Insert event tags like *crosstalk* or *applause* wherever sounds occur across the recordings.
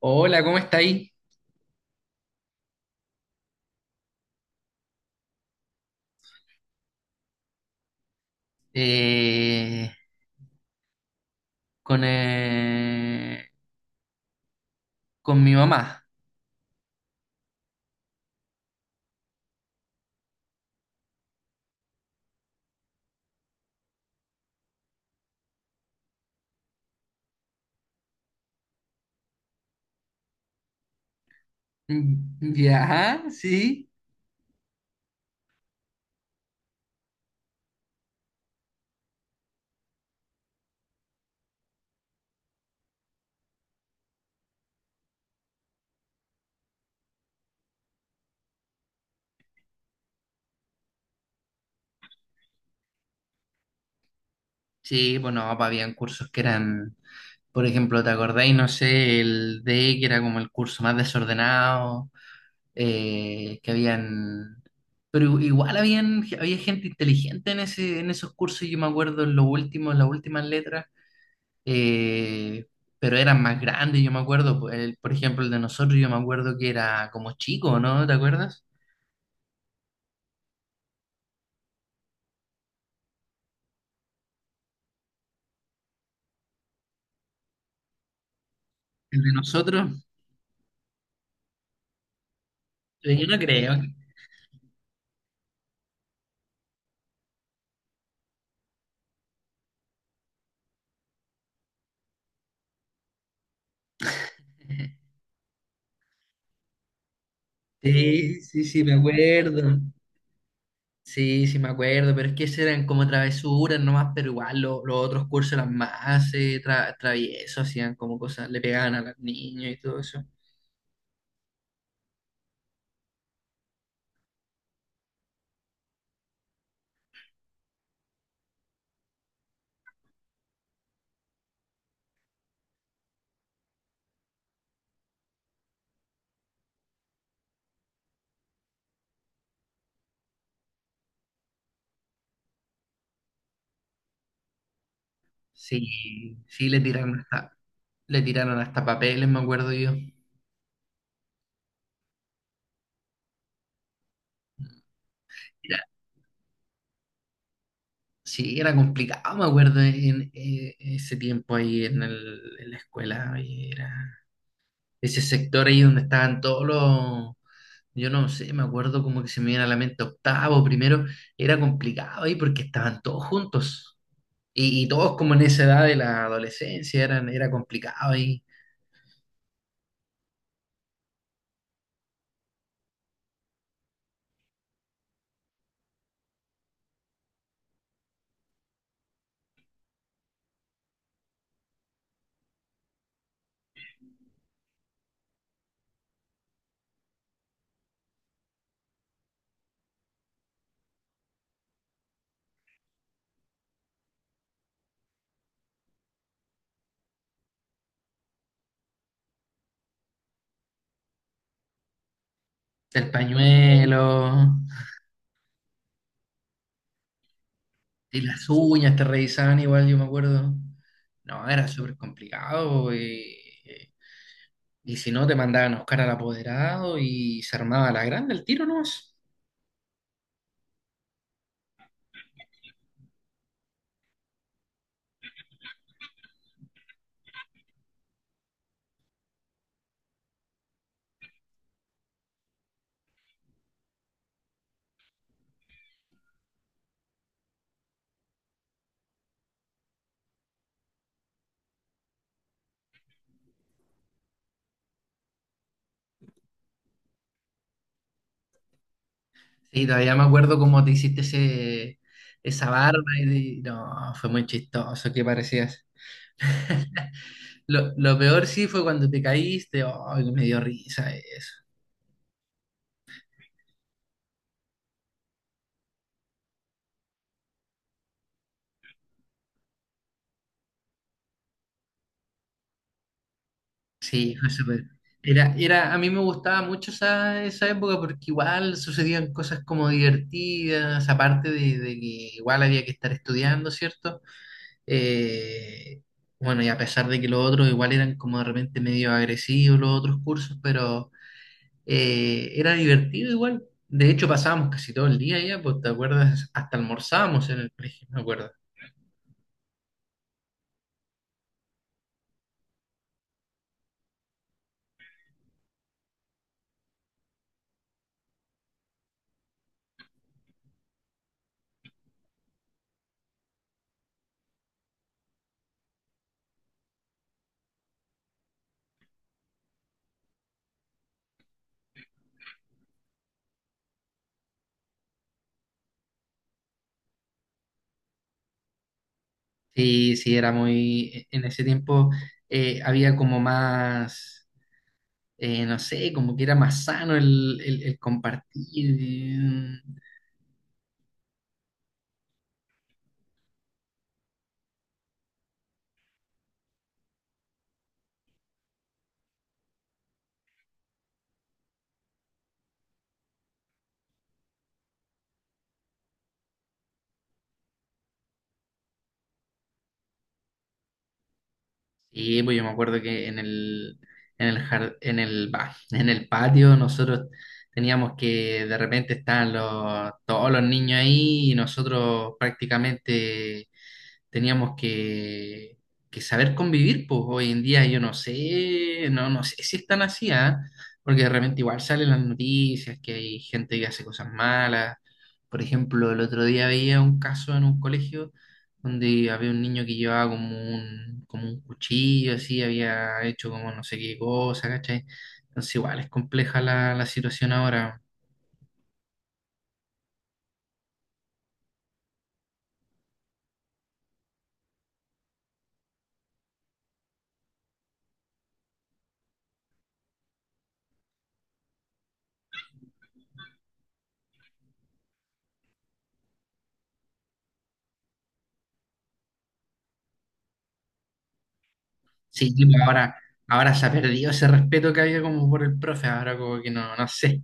Hola, ¿cómo estáis? Eh, con, con mi mamá. *laughs* Ya, sí. Sí, bueno, papá, habían cursos que eran, por ejemplo, ¿te acordáis? No sé, el D, que era como el curso más desordenado, que habían... Pero igual habían, había gente inteligente en ese, en esos cursos, yo me acuerdo en los últimos, en las últimas letras. eh, pero eran más grandes, yo me acuerdo, por ejemplo, el de nosotros, yo me acuerdo que era como chico, ¿no? ¿Te acuerdas? El de nosotros, yo no creo. *laughs* Sí, sí, sí, me acuerdo. Sí, sí, me acuerdo, pero es que esas eran como travesuras nomás, pero igual los otros cursos eran más traviesos, hacían como cosas, le pegaban a los niños y todo eso. Sí, sí, le tiraron hasta papeles, me acuerdo yo. Sí, era complicado, me acuerdo, en, ese tiempo ahí en, en la escuela, ahí era ese sector ahí donde estaban todos los, yo no sé, me acuerdo como que se me viene a la mente octavo, primero, era complicado ahí porque estaban todos juntos y todos como en esa edad de la adolescencia, eran, era complicado ahí, el pañuelo y las uñas te revisaban igual, yo me acuerdo, no, era súper complicado y si no, te mandaban a buscar al apoderado y se armaba la grande el tiro, ¿no? Sí, todavía me acuerdo cómo te hiciste ese, esa barba y no, fue muy chistoso que parecías. Lo peor sí fue cuando te caíste, ay, me dio risa eso. Sí, fue súper. Era, era, a mí me gustaba mucho esa, esa época porque igual sucedían cosas como divertidas, aparte de que igual había que estar estudiando, ¿cierto? Eh, bueno, y a pesar de que los otros igual eran como de repente medio agresivos los otros cursos, pero era divertido igual. De hecho, pasábamos casi todo el día allá, pues te acuerdas, hasta almorzábamos en el colegio, me acuerdo. Sí, sí, era muy, en ese tiempo había como más, no sé, como que era más sano el compartir. Sí, pues yo me acuerdo que en el, en el, en el, *laughs* en el patio nosotros teníamos que de repente estaban los, todos los niños ahí y nosotros prácticamente teníamos que saber convivir, pues hoy en día yo no sé, no, no sé si es tan así, ¿ah? Porque de repente igual salen las noticias que hay gente que hace cosas malas. Por ejemplo, el otro día veía un caso en un colegio donde había un niño que llevaba como un cuchillo, así, había hecho como no sé qué cosa, ¿cachai? Entonces igual es compleja la, la situación ahora. Sí, pues, ahora, ahora se ha perdido ese respeto que había como por el profe, ahora como que no, no sé.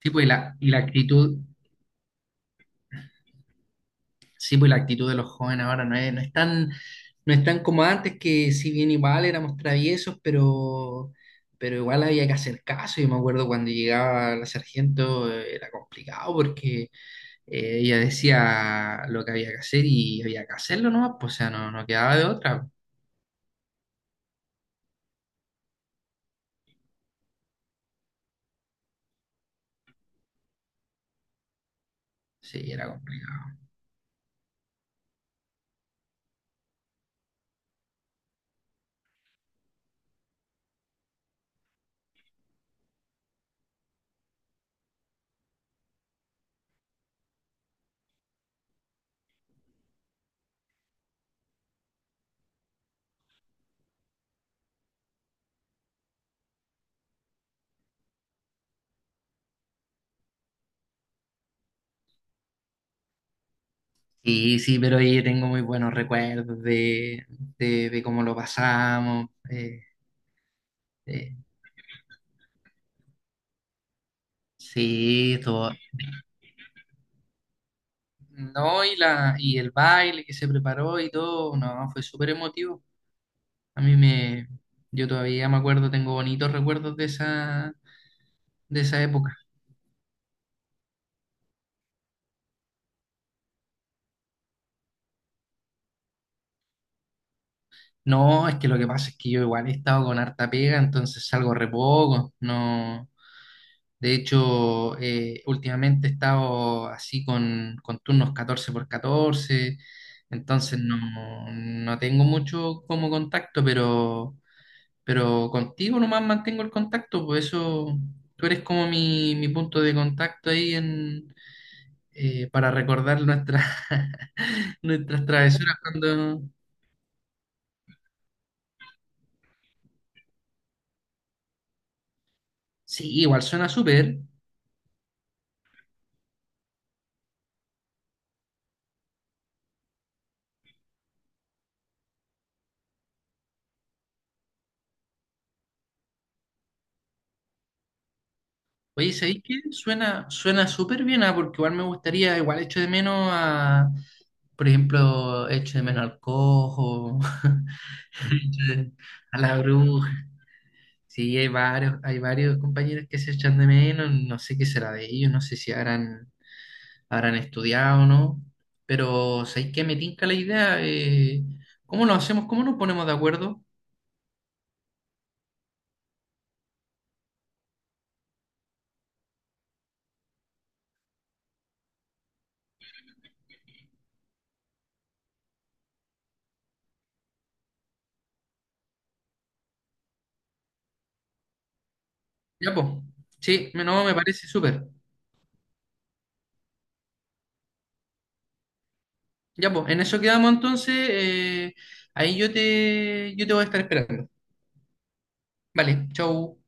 Sí, pues, y la actitud, sí, pues, la actitud de los jóvenes ahora no es, no es tan, no es tan como antes, que si bien igual éramos traviesos, pero igual había que hacer caso. Yo me acuerdo cuando llegaba la sargento, era complicado porque ella decía lo que había que hacer y había que hacerlo nomás, pues, o sea, no, no quedaba de otra. Sí, era complicado. Sí, sí, pero yo tengo muy buenos recuerdos de cómo lo pasamos. Eh, sí, todo. No, y la, y el baile que se preparó y todo, no, fue súper emotivo. A mí me, yo todavía me acuerdo, tengo bonitos recuerdos de esa época. No, es que lo que pasa es que yo igual he estado con harta pega, entonces salgo re poco, no. De hecho, últimamente he estado así con turnos 14 por 14, entonces no, no tengo mucho como contacto, pero contigo nomás mantengo el contacto, por eso tú eres como mi punto de contacto ahí en, para recordar nuestras *laughs* nuestras travesuras cuando... Sí, igual suena súper. Oye, ¿sabéis qué? Suena, suena súper bien, ah, porque igual me gustaría, igual echo de menos a, por ejemplo, echo de menos al cojo, *laughs* echo de- a la bruja. Sí, hay varios compañeros que se echan de menos, no sé qué será de ellos, no sé si habrán, habrán estudiado o no, pero ¿sabéis qué? Me tinca la idea, ¿cómo lo hacemos? ¿Cómo nos ponemos de acuerdo? Ya, pues, sí, no, me parece súper. Ya, pues, en eso quedamos entonces, ahí yo te voy a estar esperando. Vale, chau.